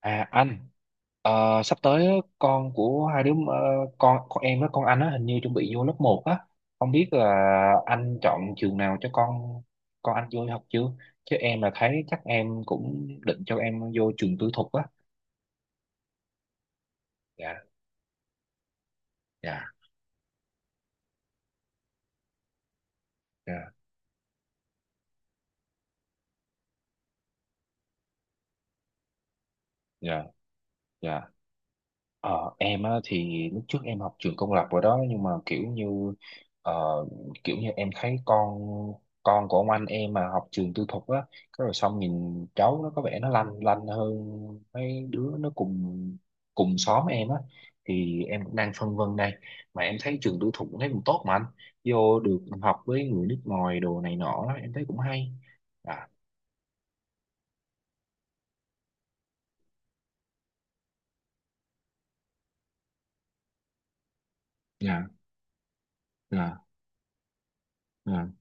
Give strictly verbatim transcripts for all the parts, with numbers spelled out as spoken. À anh, ờ, sắp tới á, con của hai đứa, ờ, con con em với con anh á, hình như chuẩn bị vô lớp một á. Không biết là anh chọn trường nào cho con con anh vô học chưa, chứ em là thấy chắc em cũng định cho em vô trường tư thục á. Dạ. Dạ. Dạ. Dạ. Dạ. Ờ, em á, thì lúc trước em học trường công lập rồi đó, nhưng mà kiểu như ờ, kiểu như em thấy con con của ông anh em mà học trường tư thục á, cái rồi xong nhìn cháu nó có vẻ nó lanh lanh hơn mấy đứa nó cùng, cùng xóm em á. Thì em cũng đang phân vân đây, mà em thấy trường tư thục cũng thấy cũng tốt mà anh, vô được học với người nước ngoài đồ này nọ em thấy cũng hay. À. Dạ. Dạ. Dạ.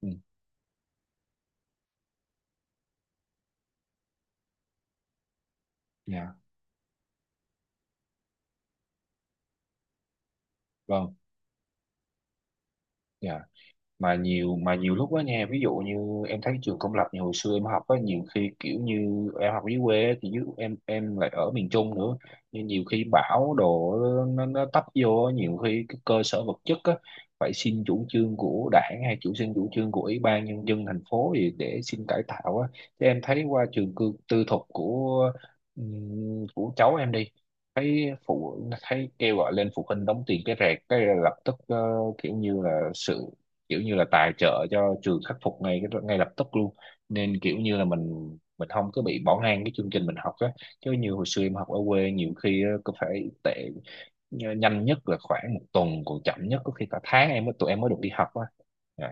Ừ. Dạ. Vâng. Dạ. Mà nhiều mà nhiều lúc đó nha, ví dụ như em thấy trường công lập như hồi xưa em học á, nhiều khi kiểu như em học dưới quê á, thì chứ em em lại ở miền Trung nữa, nên nhiều khi bão đồ nó nó tấp vô á, nhiều khi cái cơ sở vật chất á phải xin chủ trương của đảng, hay chủ xin chủ trương của ủy ban nhân dân thành phố gì để xin cải tạo á. Chứ em thấy qua trường cư, tư thục của, ừm, của cháu em đi, thấy phụ thấy kêu gọi lên phụ huynh đóng tiền cái rẹt cái là lập tức, ờ, kiểu như là sự, kiểu như là tài trợ cho trường khắc phục ngay cái ngay lập tức luôn, nên kiểu như là mình mình không có bị bỏ ngang cái chương trình mình học á. Chứ như hồi xưa em học ở quê nhiều khi á, có phải tệ, nh- nhanh nhất là khoảng một tuần, còn chậm nhất có khi cả tháng em mới, tụi em mới được đi học á. Dạ.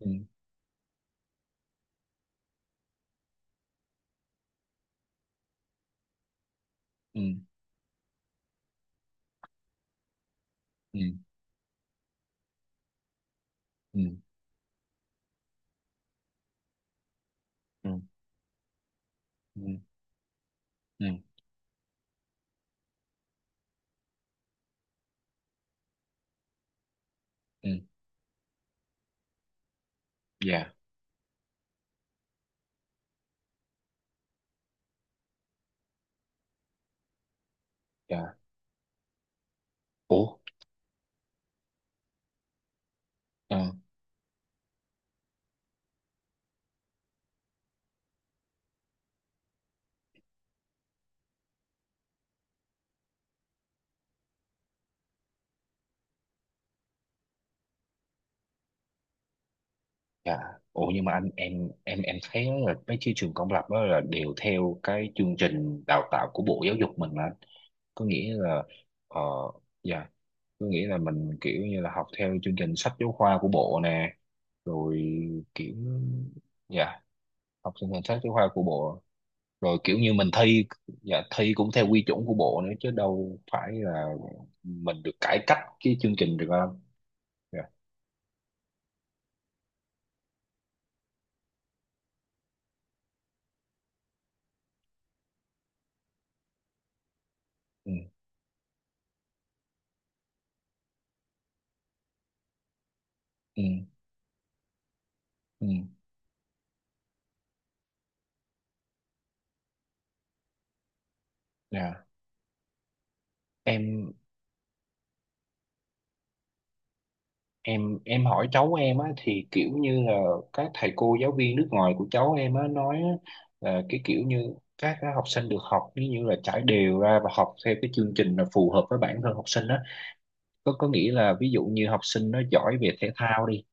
Ừ. Ừ. Ừ. Ừ. Ừ. Ừ. Ừ. Ừ. Dạ. Dạ. Ủa. ờ, dạ. Ủa nhưng mà anh, em em em thấy là mấy cái trường công lập đó là đều theo cái chương trình đào tạo của Bộ Giáo dục mình mà, có nghĩa là ờ, dạ, có nghĩa là mình kiểu như là học theo chương trình sách giáo khoa của bộ nè, rồi kiểu, dạ, học chương trình sách giáo khoa của bộ, rồi kiểu như mình thi, dạ, thi cũng theo quy chuẩn của bộ nữa chứ đâu phải là mình được cải cách cái chương trình được không. Dạ. Ừ. Ừ. Ừ. Dạ. Em, em em hỏi cháu em á, thì kiểu như là các thầy cô giáo viên nước ngoài của cháu em á nói á, là cái kiểu như các cái học sinh được học ví như là trải đều ra và học theo cái chương trình là phù hợp với bản thân học sinh á, có có nghĩa là ví dụ như học sinh nó giỏi về thể thao đi,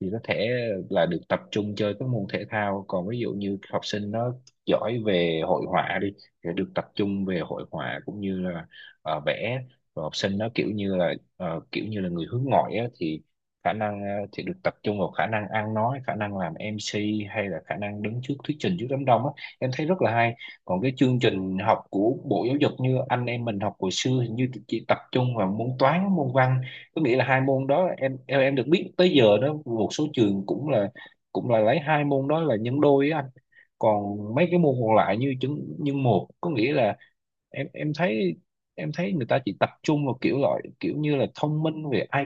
thì có thể là được tập trung chơi các môn thể thao, còn ví dụ như học sinh nó giỏi về hội họa đi thì được tập trung về hội họa cũng như là ờ, vẽ, rồi học sinh nó kiểu như là ờ, kiểu như là người hướng ngoại á, thì khả năng ờ, thì được tập trung vào khả năng ăn nói, khả năng làm em xê, hay là khả năng đứng trước thuyết trình trước đám đông á, em thấy rất là hay. Còn cái chương trình học của Bộ Giáo dục như anh em mình học hồi xưa hình như chỉ tập trung vào môn toán, môn văn, có nghĩa là hai môn đó em, em em được biết tới giờ đó, một số trường cũng là cũng là lấy hai môn đó là nhân đôi á anh, còn mấy cái môn còn lại như chứng nhân một, có nghĩa là em, em thấy em thấy người ta chỉ tập trung vào kiểu loại, kiểu như là thông minh về I,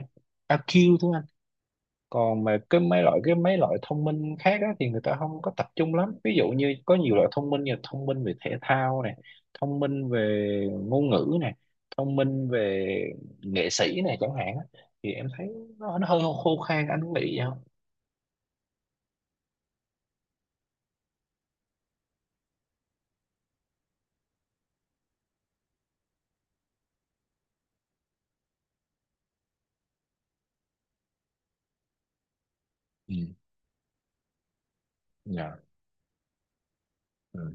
IQ thôi anh, còn mà cái mấy loại cái mấy loại thông minh khác á, thì người ta không có tập trung lắm, ví dụ như có nhiều loại thông minh như là thông minh về thể thao này, thông minh về ngôn ngữ này, thông minh về nghệ sĩ này chẳng hạn á. Thì em thấy nó, nó hơi khô khan, anh có nghĩ vậy không? Ừ. Dạ. Ừ.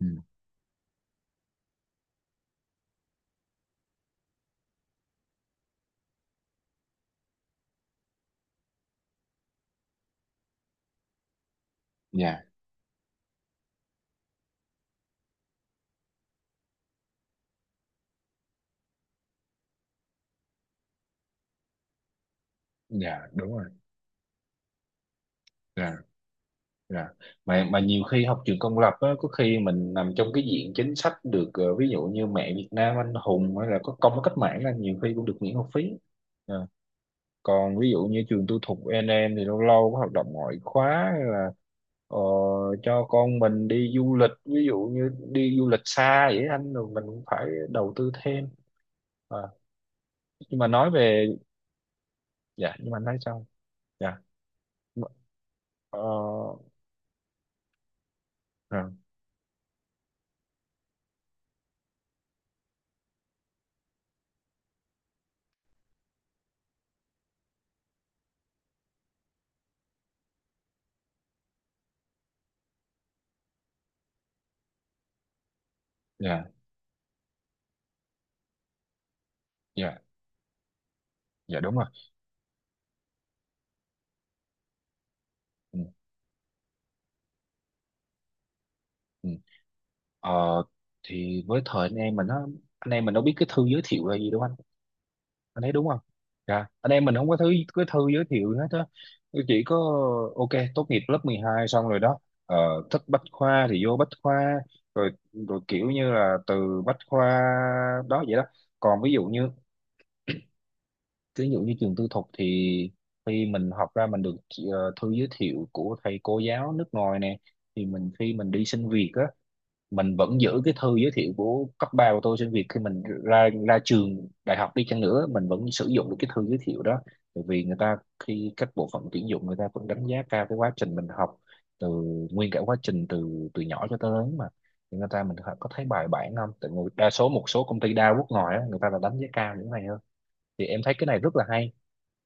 Ừ. Dạ. Dạ. Đúng rồi. Dạ. Dạ. Mà mà nhiều khi học trường công lập á, có khi mình nằm trong cái diện chính sách được, ờ, ví dụ như mẹ Việt Nam anh hùng hay là có công với cách mạng là nhiều khi cũng được miễn học phí. Còn ví dụ như trường tư thục n em, thì lâu lâu có hoạt động ngoại khóa hay là ờ, cho con mình đi du lịch, ví dụ như đi du lịch xa vậy anh, rồi mình cũng phải đầu tư thêm. à, nhưng mà nói về, dạ nhưng mà anh nói sao. Dạ. ờ, dạ. Dạ. Dạ. Dạ, đúng rồi. Ừ. Ừ. Ờ, thì với thời anh em mình nó, anh em mình đâu biết cái thư giới thiệu là gì đâu anh anh thấy đúng không? Dạ, anh em mình không có thứ cái thư giới thiệu gì hết á, chỉ có ok, tốt nghiệp lớp mười hai xong rồi đó, ờ, thích Bách Khoa thì vô Bách Khoa, rồi rồi kiểu như là từ Bách Khoa đó vậy đó. Còn ví dụ như, ví dụ như trường tư thục thì khi mình học ra mình được ờ, thư giới thiệu của thầy cô giáo nước ngoài nè, thì mình khi mình đi xin việc á, mình vẫn giữ cái thư giới thiệu của cấp ba của tôi trên việc, khi mình ra ra trường đại học đi chăng nữa mình vẫn sử dụng được cái thư giới thiệu đó, bởi vì người ta, khi các bộ phận tuyển dụng người ta vẫn đánh giá cao cái quá trình mình học từ, nguyên cả quá trình từ từ nhỏ cho tới lớn mà, thì người ta mình có thấy bài bản không, tại người, đa số một số công ty đa quốc ngoài á, người ta là đánh giá cao những cái này hơn, thì em thấy cái này rất là hay.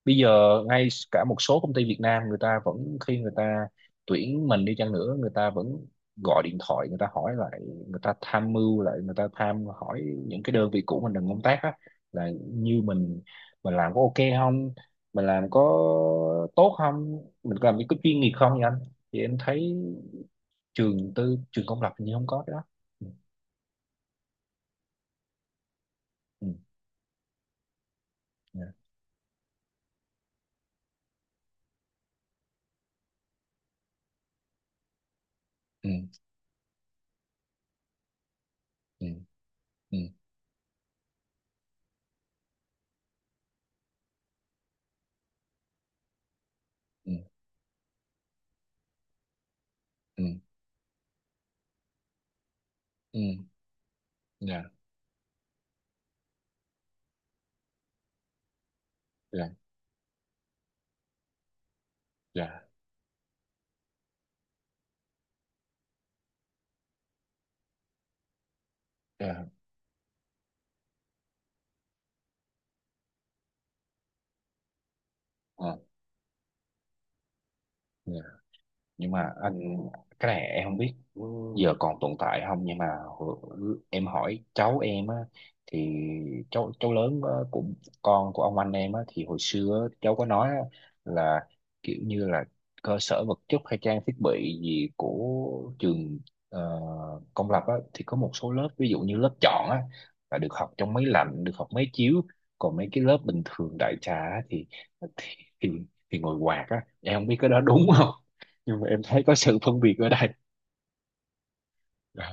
Bây giờ ngay cả một số công ty Việt Nam người ta vẫn, khi người ta tuyển mình đi chăng nữa người ta vẫn gọi điện thoại người ta hỏi lại, người ta tham mưu lại, người ta tham hỏi những cái đơn vị cũ mình đang công tác á, là như mình mình làm có ok không, mình làm có tốt không, mình làm có chuyên nghiệp không, vậy anh. Thì em thấy trường tư, trường công lập hình như không có cái đó. Ừ. Ừ. Dạ. Ừ. Ừ. Ừ. Ừ. Ừ. Ừ. Dạ. Dạ. Dạ. Dạ. ờ, yeah. Nhưng mà anh, cái này em không biết giờ còn tồn tại không, nhưng mà hồi- em hỏi cháu em á, thì cháu cháu lớn á, của con của ông anh em á, thì hồi xưa á, cháu có nói á, là kiểu như là cơ sở vật chất hay trang thiết bị gì của trường, ờ, công lập á, thì có một số lớp ví dụ như lớp chọn á là được học trong máy lạnh, được học máy chiếu, còn mấy cái lớp bình thường đại trà á, thì thì thì, thì ngồi quạt á, em không biết cái đó đúng không, nhưng mà em thấy có sự phân biệt ở đây. Dạ.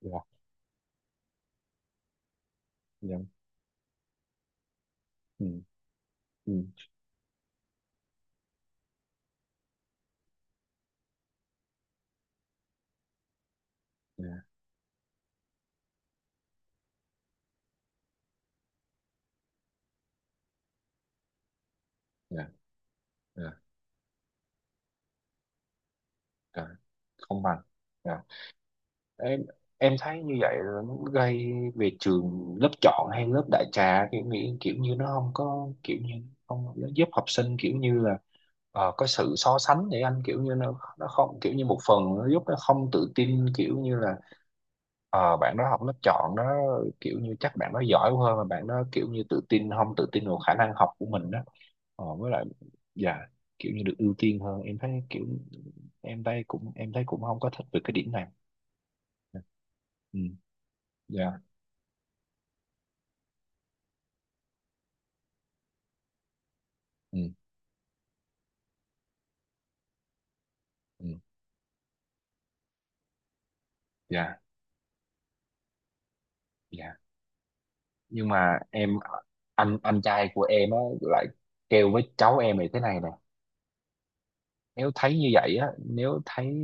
Dạ. Dạ. Ừ. Ừ. Dạ. Dạ. Dạ. Dạ. Không bằng. Dạ. Em em thấy như vậy là nó gây, về trường lớp chọn hay lớp đại trà kiểu nghĩ kiểu như nó không có kiểu như, không, nó giúp học sinh kiểu như là ờ, có sự so sánh để anh kiểu như nó nó không kiểu như một phần nó giúp nó không tự tin kiểu như là ờ, bạn đó học lớp chọn đó, kiểu như chắc bạn đó giỏi hơn, mà bạn đó kiểu như tự tin không tự tin vào khả năng học của mình đó. Ờ, với lại, dạ, kiểu như được ưu tiên hơn em thấy kiểu, em thấy cũng, em thấy cũng không có thích về cái điểm này. Ừ. Dạ. Ừ. Ừ. Dạ. Dạ. Nhưng mà em, anh anh trai của em á lại kêu với cháu em này thế này nè, nếu thấy như vậy á, nếu thấy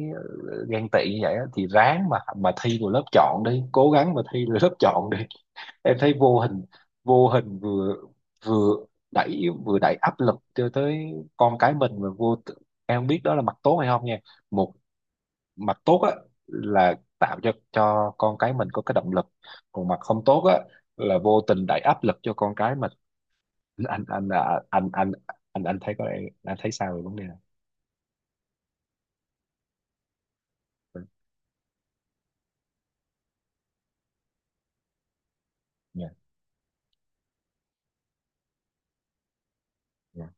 ờ, ghen tị như vậy á thì ráng mà mà thi vào lớp chọn đi, cố gắng mà thi vào lớp chọn đi. Em thấy vô hình vô hình vừa vừa đẩy vừa đẩy áp lực cho tới con cái mình, mà vô tự- em không biết đó là mặt tốt hay không nha. Một mặt tốt á là tạo cho cho con cái mình có cái động lực, còn mặt không tốt á là vô tình đẩy áp lực cho con cái mình. anh anh à, anh anh anh anh thấy có anh thấy sao về vấn đề này? Dạ. Dạ.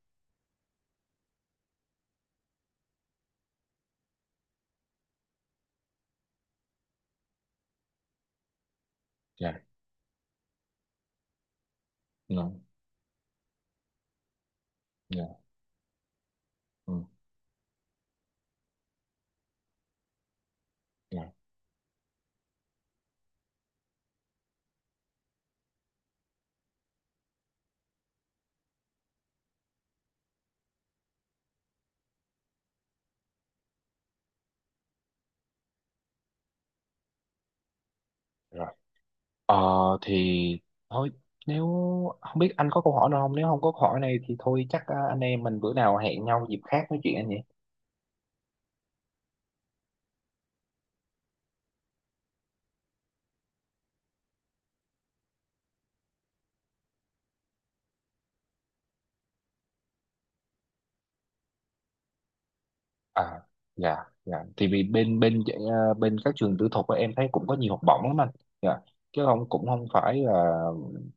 Dạ. Dạ. Dạ. Ừ. Dạ. Rồi. ờ thì thôi, nếu, không biết anh có câu hỏi nào không, nếu không có câu hỏi này thì thôi chắc, à, anh em mình bữa nào hẹn nhau dịp khác nói chuyện anh nhỉ. À. Dạ. Dạ. Thì vì bên bên à, bên các trường tư thục á, em thấy cũng có nhiều học bổng lắm anh. Dạ. Chứ không, cũng không phải là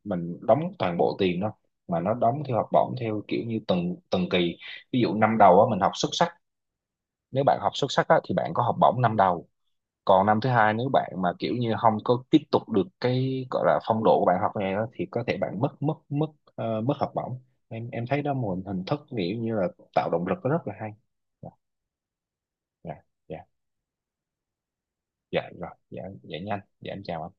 mình đóng toàn bộ tiền đâu, mà nó đóng theo học bổng theo kiểu như từng từng kỳ, ví dụ năm đầu á, mình học xuất sắc, nếu bạn học xuất sắc á thì bạn có học bổng năm đầu, còn năm thứ hai nếu bạn mà kiểu như không có tiếp tục được cái gọi là phong độ của bạn học này đó, thì có thể bạn mất mất mất ờ, mất học bổng. Em em thấy đó một hình thức kiểu như là tạo động lực rất là hay. Dạ. Dạ. Dạ. Dạ rồi. Dạ. Dạ nhanh. Dạ em chào.